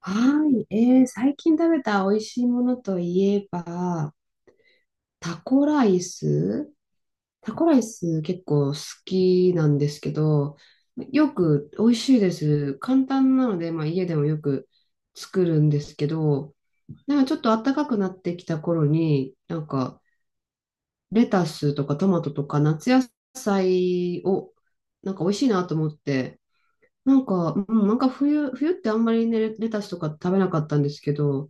はい。最近食べた美味しいものといえば、タコライス。タコライス結構好きなんですけど、よく美味しいです。簡単なので、まあ、家でもよく作るんですけど、なんかちょっと暖かくなってきた頃に、なんかレタスとかトマトとか夏野菜をなんか美味しいなと思って、なんか、うん、なんか冬ってあんまりね、レタスとか食べなかったんですけど、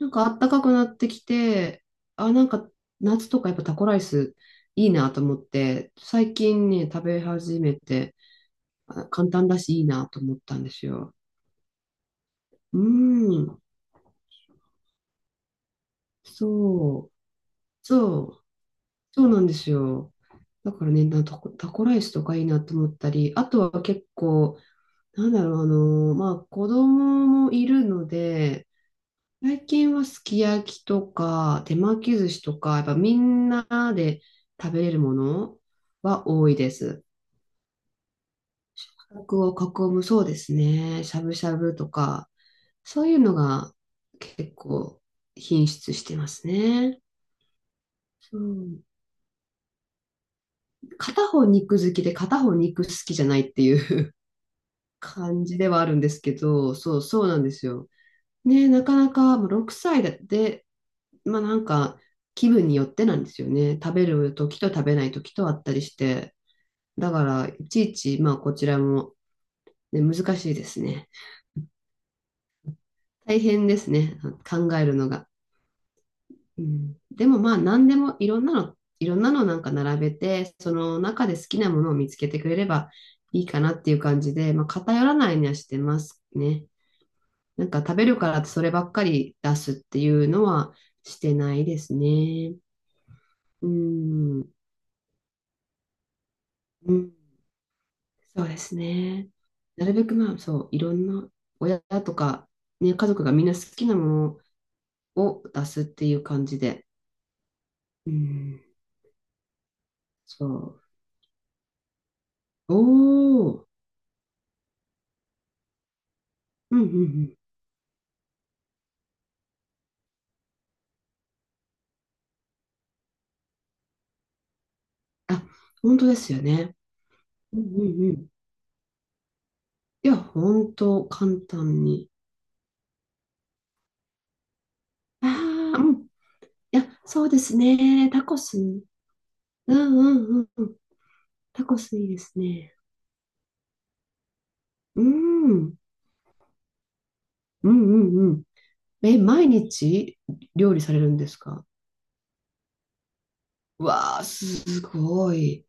なんか暖かくなってきて、あ、なんか夏とかやっぱタコライスいいなと思って、最近ね、食べ始めて、あ簡単だしいいなと思ったんですよ。うん、そう、そう、そうなんですよ。だからね、なタコ、タコライスとかいいなと思ったり、あとは結構、なんだろう、あの、まあ子供もいるので、最近はすき焼きとか手巻き寿司とか、やっぱみんなで食べれるものは多いです。価格を囲む、そうですね。しゃぶしゃぶとか、そういうのが結構品質してますね。うん。片方肉好きで片方肉好きじゃないっていう 感じではあるんですけど、そうそうなんですよ。ね、なかなかもう6歳でまあなんか気分によってなんですよね。食べる時と食べない時とあったりして。だからいちいちまあこちらも、ね、難しいですね。大変ですね。考えるのが。うん、でもまあ何でもいろんなのなんか並べて、その中で好きなものを見つけてくれればいいかなっていう感じで、まあ偏らないようにはしてますね。なんか食べるからってそればっかり出すっていうのはしてないですね。うん。うん、そうですね。なるべくまあそう、いろんな親とか、ね、家族がみんな好きなものを出すっていう感じで。うん、そう。おお、うんうんうん。あ、本当ですよね。うんうんうん。いや、本当簡単に。ああ、うん。いや、そうですね。タコス。うんうんうんうん。タコスいいですね。うん。うんうんうん。え、毎日料理されるんですか？うわあ、すごい。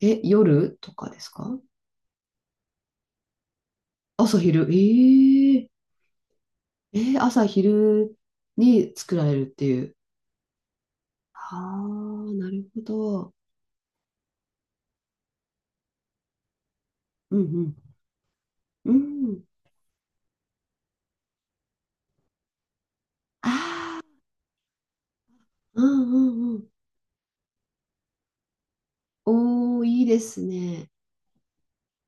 え、夜とかですか？朝昼。ええ、えー朝昼に作られるっていう。ああ、なるほど。うんうん。うん。ああ、うんうんうん。おー、いいですね。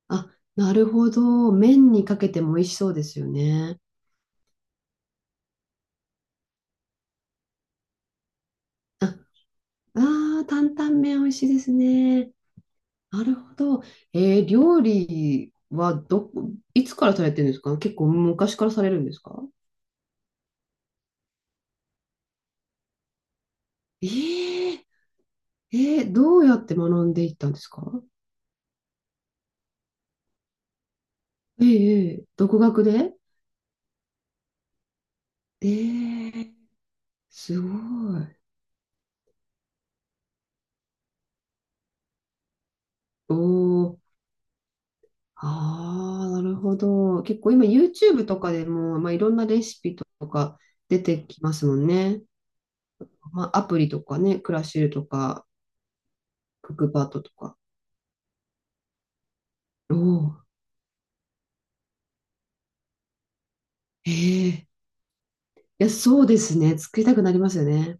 あ、なるほど。麺にかけても美味しそうですよね。あ、あー、担々麺美味しいですね。なるほど。えー料理はどこ、いつからされてるんですか？結構昔からされるんですか？ええええ、どうやって学んでいったんですか？ええええ独学で？ええすごい。おお、ああ、なるほど。結構今 YouTube とかでも、まあ、いろんなレシピとか出てきますもんね。まあ、アプリとかね、クラシルとか、クックパッドとか。おお、ええ、いや、そうですね。作りたくなりますよね。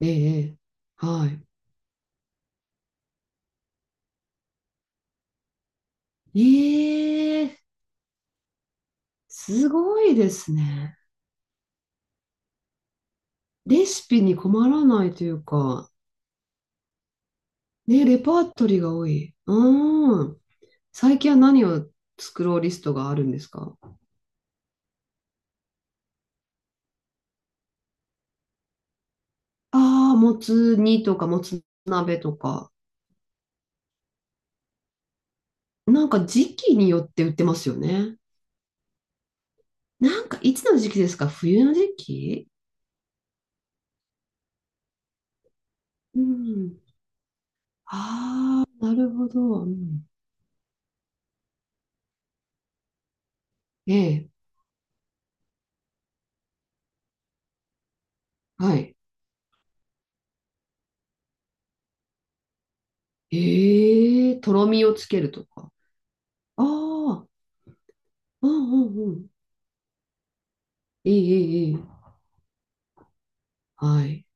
ええええはい。ええすごいですね。レシピに困らないというか、ね、レパートリーが多い。うーん。最近は何を作ろうリストがあるんですか？ああー、もつ煮とか、もつ鍋とか。なんか時期によって売ってますよね。なんかいつの時期ですか？冬の時期？うん。ああ、なるほど。うん、ええ、はい。ええ、とろみをつけるとか。ああ、うんうんうん。いいいいいい。はい。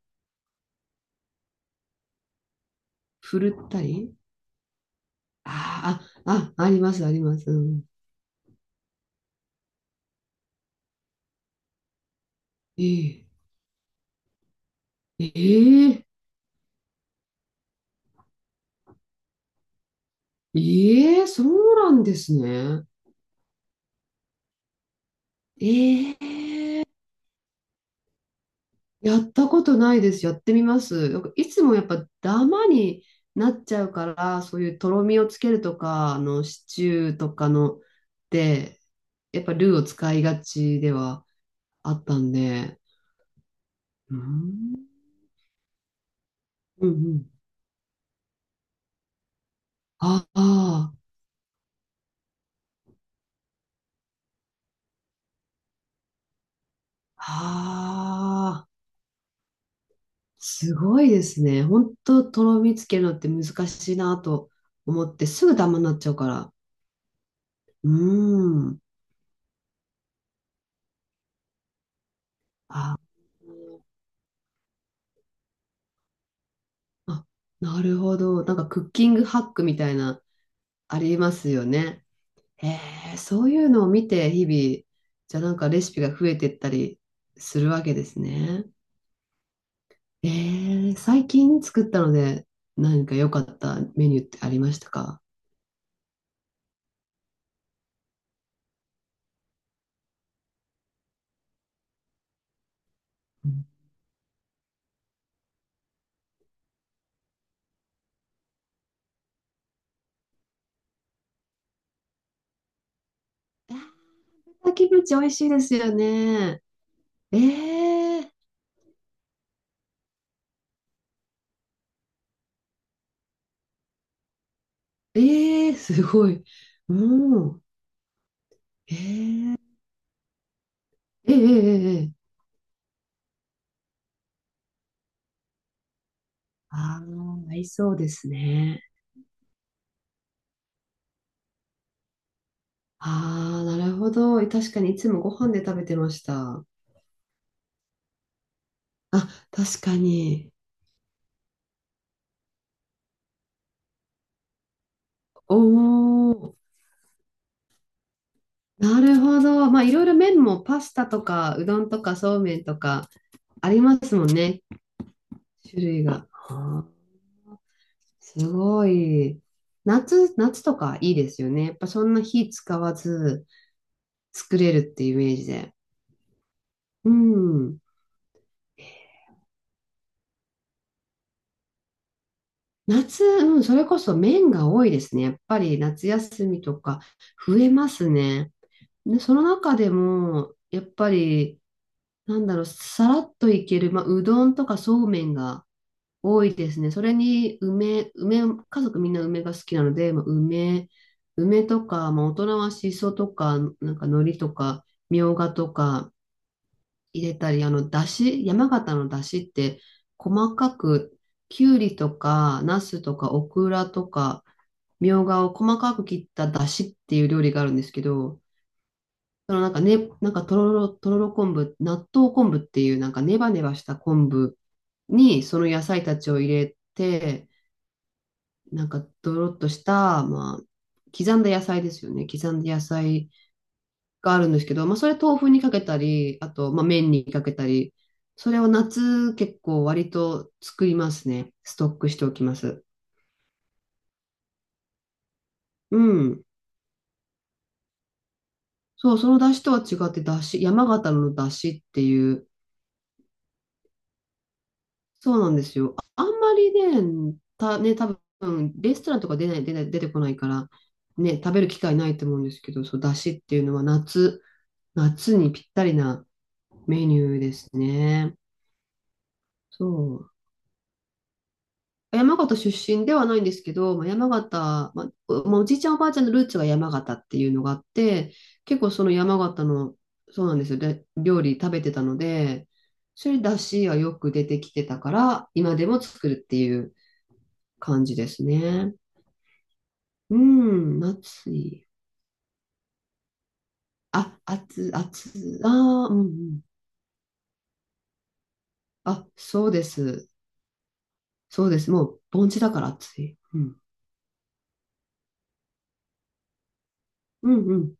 ふるったり、あーあ、あ、あります、あります。うん、ええええええ、そうなんですね。ええやったことないです。やってみます。なんかいつもやっぱダマになっちゃうから、そういうとろみをつけるとか、あのシチューとかので、やっぱルーを使いがちではあったんで。うん、うん、うん。ああ、ああ。すごいですね。本当とろみつけるのって難しいなと思って、すぐダマになっちゃうから。うーん。あ、あ、なるほど。なんかクッキングハックみたいな、ありますよね。へえ、そういうのを見て、日々、じゃあなんかレシピが増えてったりするわけですね。えー最近作ったので、何か良かったメニューってありましたか？うん、あー、キムチ美味しいですよね。ええええすごい。うん。ええええええ、ああ、合いそうですね。ああ、なるほど。確かにいつもご飯で食べてました。あ、確かに。おお、なるほど。まあ、いろいろ麺もパスタとか、うどんとか、そうめんとか、ありますもんね。種類が。あーすごい。夏とかいいですよね。やっぱそんな火使わず作れるっていうイメージで。うん。夏、うん、それこそ麺が多いですね。やっぱり夏休みとか増えますね。で、その中でも、やっぱり、なんだろう、さらっといける、まあ、うどんとかそうめんが多いですね。それに、家族みんな梅が好きなので、まあ、梅とか、まあ、大人はしそとか、なんか海苔とか、みょうがとか入れたり、あの、だし、山形のだしって、細かく、きゅうりとか、ナスとか、オクラとか、みょうがを細かく切っただしっていう料理があるんですけど、そのなんかね、なんかとろろ昆布、納豆昆布っていうなんかネバネバした昆布にその野菜たちを入れて、なんかドロッとした、まあ、刻んだ野菜があるんですけど、まあ、それ豆腐にかけたり、あと、まあ、麺にかけたり、それを夏結構割と作りますね。ストックしておきます。うん。そう、その出汁とは違って、出汁、山形の出汁っていう、そうなんですよ。ああんまりね、た、ね、多分レストランとか出てこないから、ね、食べる機会ないと思うんですけど、そう、だしっていうのは夏、夏にぴったりなメニューですね。そう。山形出身ではないんですけど、まあ、山形、まあ、おじいちゃんおばあちゃんのルーツが山形っていうのがあって、結構その山形の、そうなんですよ、で料理食べてたので、それだしがよく出てきてたから、今でも作るっていう感じですね。うん、暑い。あ、あー、うん、うん。あ、そうです。そうです。もう、盆地だから暑い。うん。うん、うん。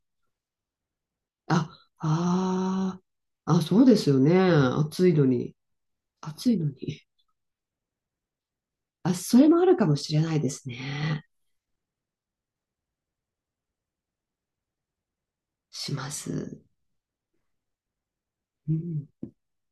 あ、あー、あ、そうですよね。暑いのに。暑いのに。あ、それもあるかもしれないですね。します。うん